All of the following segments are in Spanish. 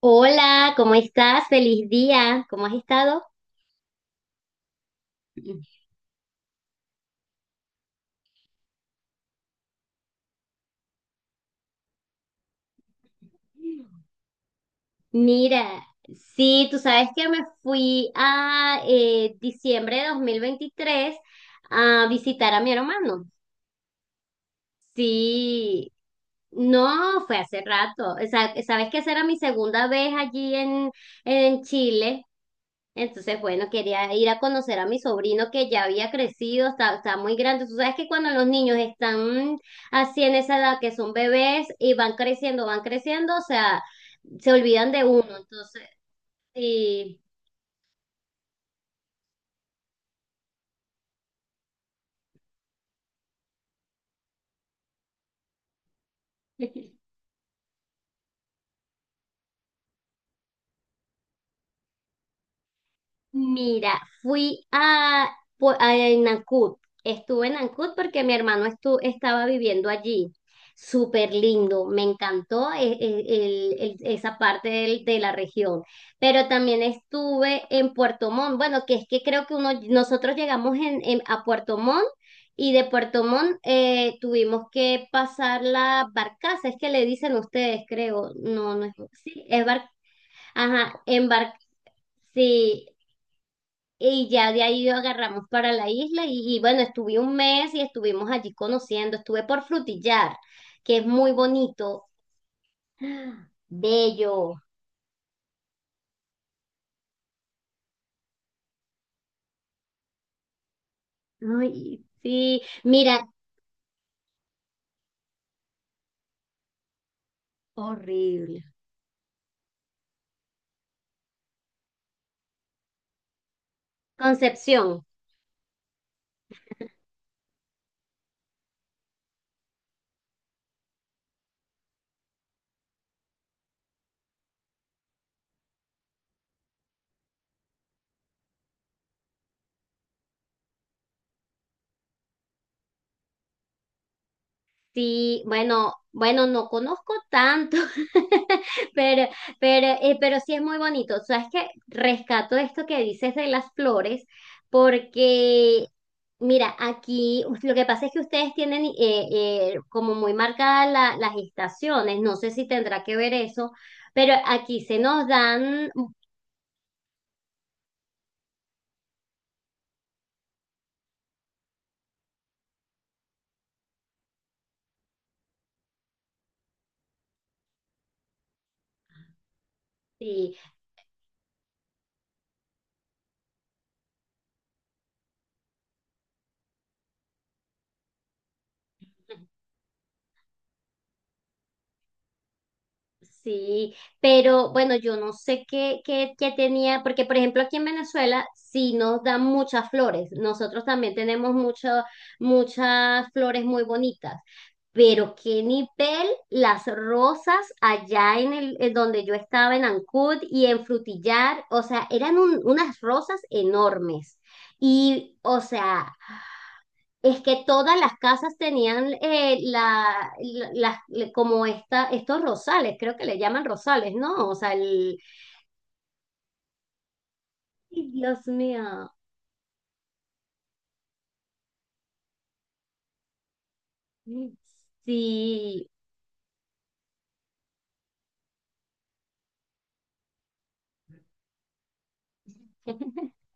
Hola, ¿cómo estás? Feliz día. ¿Cómo has estado? Mira, sí, tú sabes que me fui a diciembre de 2023 a visitar a mi hermano. Sí, no, fue hace rato. O sea, sabes que esa era mi segunda vez allí en Chile. Entonces, bueno, quería ir a conocer a mi sobrino que ya había crecido, está muy grande. Tú sabes que cuando los niños están así en esa edad que son bebés y van creciendo, o sea, se olvidan de uno. Entonces, sí. Mira, fui a Nancut. Estuve en Nancut porque mi hermano estaba viviendo allí. Súper lindo, me encantó esa parte de la región. Pero también estuve en Puerto Montt. Bueno, que es que creo que uno, nosotros llegamos a Puerto Montt y de Puerto Montt tuvimos que pasar la barcaza. Es que le dicen ustedes, creo. No, no es. Sí, es barcaza. Ajá, embar, sí. Y ya de ahí agarramos para la isla y bueno, estuve un mes y estuvimos allí conociendo, estuve por Frutillar, que es muy bonito, bello, ay, sí, mira, horrible. Concepción. Sí, bueno, no conozco tanto, pero, pero sí es muy bonito. Sabes que rescato esto que dices de las flores, porque, mira, aquí uf, lo que pasa es que ustedes tienen como muy marcadas las estaciones, no sé si tendrá que ver eso, pero aquí se nos dan, sí. Sí, pero bueno, yo no sé qué tenía, porque por ejemplo aquí en Venezuela sí nos dan muchas flores, nosotros también tenemos muchas flores muy bonitas, pero qué nivel las rosas allá en el en donde yo estaba en Ancud y en Frutillar, o sea, eran unas rosas enormes. Y, o sea, es que todas las casas tenían como estos rosales, creo que le llaman rosales, ¿no? O sea, el... ¡Ay, Dios mío! Sí.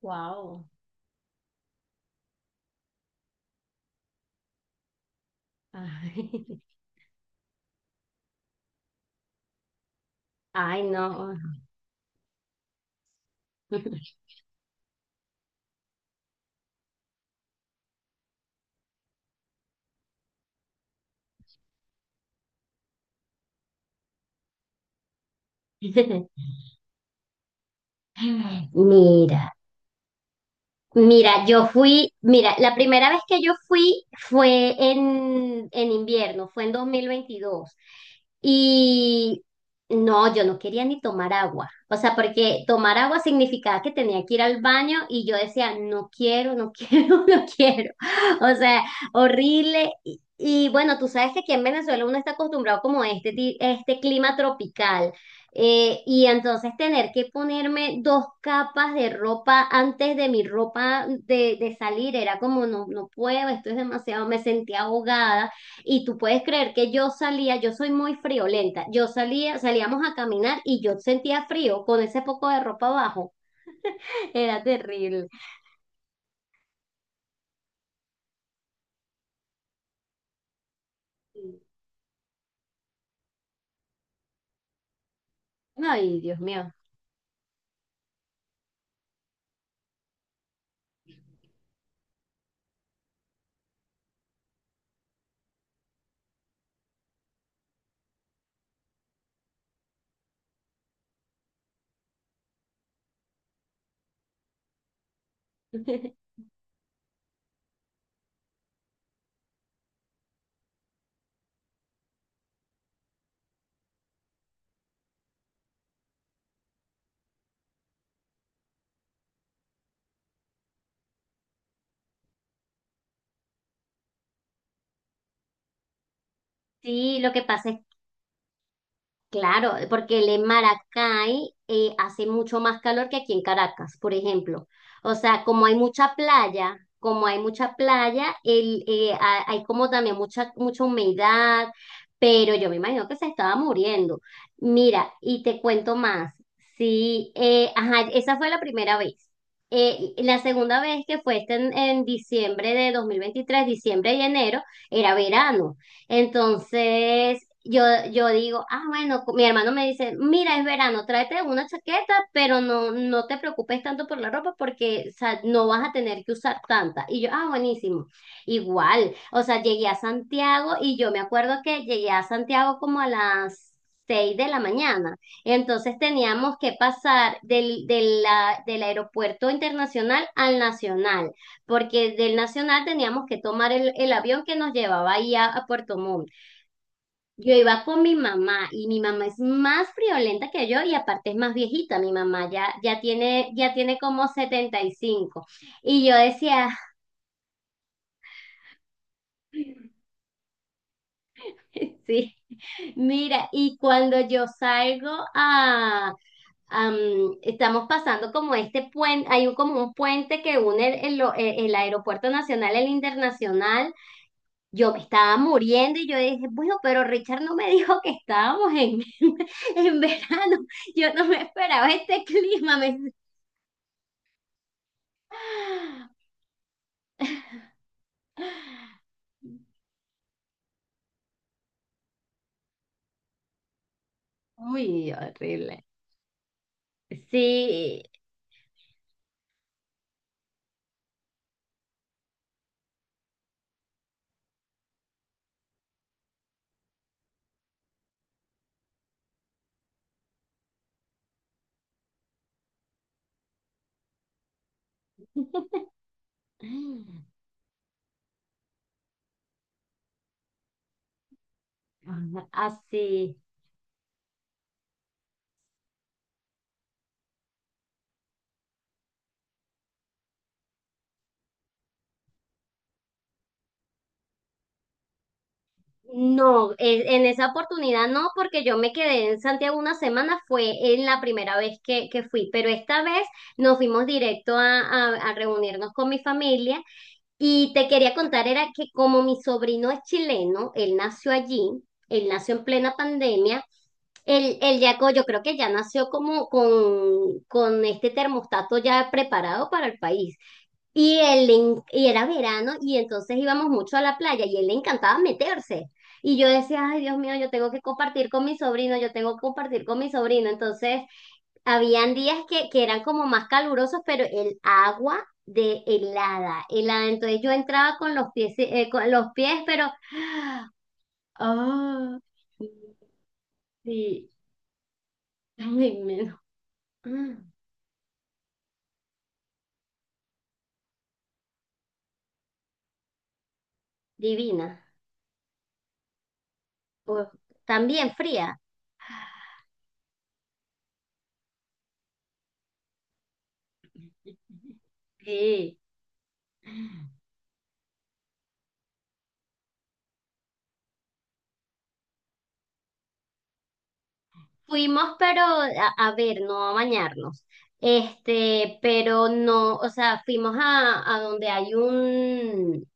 Wow. Ay, ay, no. Mira. Mira, yo fui, mira, la primera vez que yo fui fue en invierno, fue en 2022. Y no, yo no quería ni tomar agua. O sea, porque tomar agua significaba que tenía que ir al baño y yo decía, no quiero, no quiero, no quiero. O sea, horrible. Y bueno, tú sabes que aquí en Venezuela uno está acostumbrado como a este clima tropical. Y entonces tener que ponerme dos capas de ropa antes de mi ropa de salir era como no, no puedo, esto es demasiado, me sentía ahogada y tú puedes creer que yo salía, yo soy muy friolenta, yo salía, salíamos a caminar y yo sentía frío con ese poco de ropa abajo, era terrible. Ay, Dios mío. Sí, lo que pasa es claro, porque el en Maracay hace mucho más calor que aquí en Caracas, por ejemplo. O sea, como hay mucha playa, como hay mucha playa, hay como también mucha humedad, pero yo me imagino que se estaba muriendo. Mira, y te cuento más. Sí, ajá, esa fue la primera vez. La segunda vez que fue este en diciembre de 2023, diciembre y enero, era verano. Entonces, yo digo, ah, bueno, mi hermano me dice, mira, es verano, tráete una chaqueta, pero no, no te preocupes tanto por la ropa porque, o sea, no vas a tener que usar tanta. Y yo, ah, buenísimo. Igual, o sea, llegué a Santiago y yo me acuerdo que llegué a Santiago como a las 6 de la mañana. Entonces teníamos que pasar del aeropuerto internacional al nacional porque del Nacional teníamos que tomar el avión que nos llevaba ahí a Puerto Montt. Yo iba con mi mamá y mi mamá es más friolenta que yo y aparte es más viejita, mi mamá ya tiene como 75. Y cinco. Y yo decía, sí, mira, y cuando yo salgo a, am, estamos pasando como este puente, hay un, como un puente que une el Aeropuerto Nacional, el Internacional. Yo me estaba muriendo y yo dije, bueno, pero Richard no me dijo que estábamos en, en verano. Yo no me esperaba este clima. Me... Uy, horrible. Sí, así. No, en esa oportunidad no, porque yo me quedé en Santiago una semana, fue en la primera vez que fui, pero esta vez nos fuimos directo a reunirnos con mi familia. Y te quería contar, era que como mi sobrino es chileno, él nació allí, él nació en plena pandemia, yo creo que ya nació como con este termostato ya preparado para el país. Y era verano y entonces íbamos mucho a la playa y él le encantaba meterse. Y yo decía, ay, Dios mío, yo tengo que compartir con mi sobrino, yo tengo que compartir con mi sobrino. Entonces, habían días que eran como más calurosos, pero el agua de helada, helada. Entonces yo entraba con los pies, pero... ah, sí, ay, me- divina. Pues, también fría. Sí. Fuimos, pero a ver, no a bañarnos. Este, pero no, o sea, fuimos a donde hay un,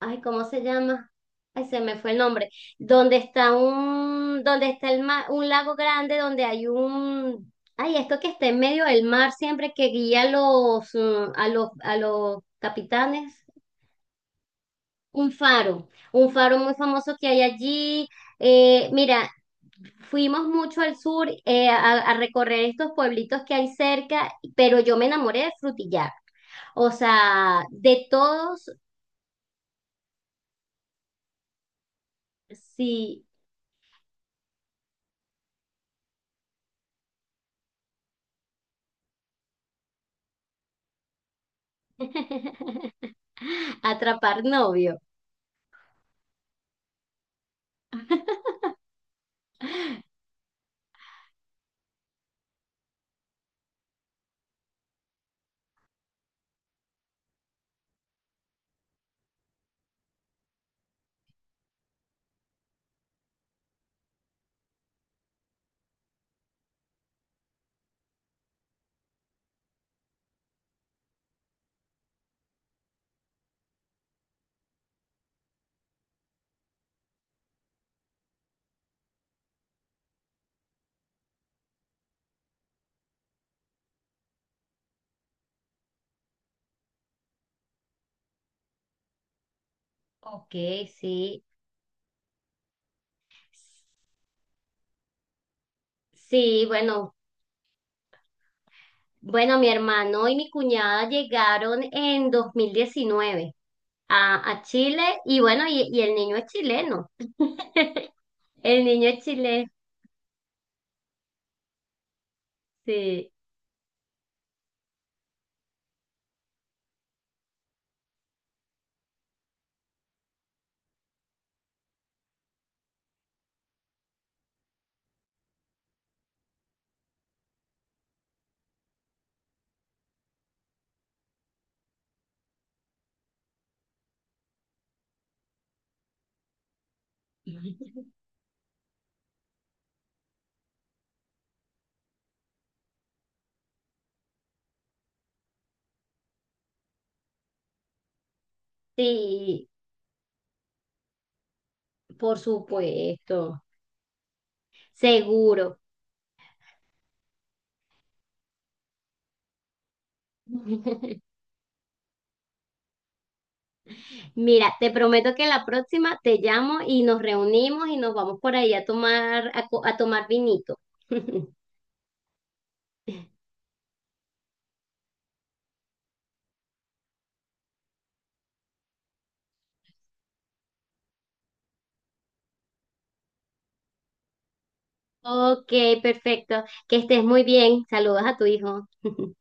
ay, ¿cómo se llama? Ay, se me fue el nombre. Donde está un, donde está un lago grande, donde hay un, ay, esto que está en medio del mar siempre que guía a los, mm, a los capitanes. Un faro muy famoso que hay allí. Mira, fuimos mucho al sur a recorrer estos pueblitos que hay cerca, pero yo me enamoré de Frutillar. O sea, de todos, sí. Atrapar novio. Ok, sí. Sí, bueno, mi hermano y mi cuñada llegaron en 2019 a Chile y bueno, y el niño es chileno. El niño es chileno, sí. Sí, por supuesto, seguro. Mira, te prometo que la próxima te llamo y nos reunimos y nos vamos por ahí a tomar, a tomar vinito. Ok, perfecto. Que estés muy bien. Saludos a tu hijo.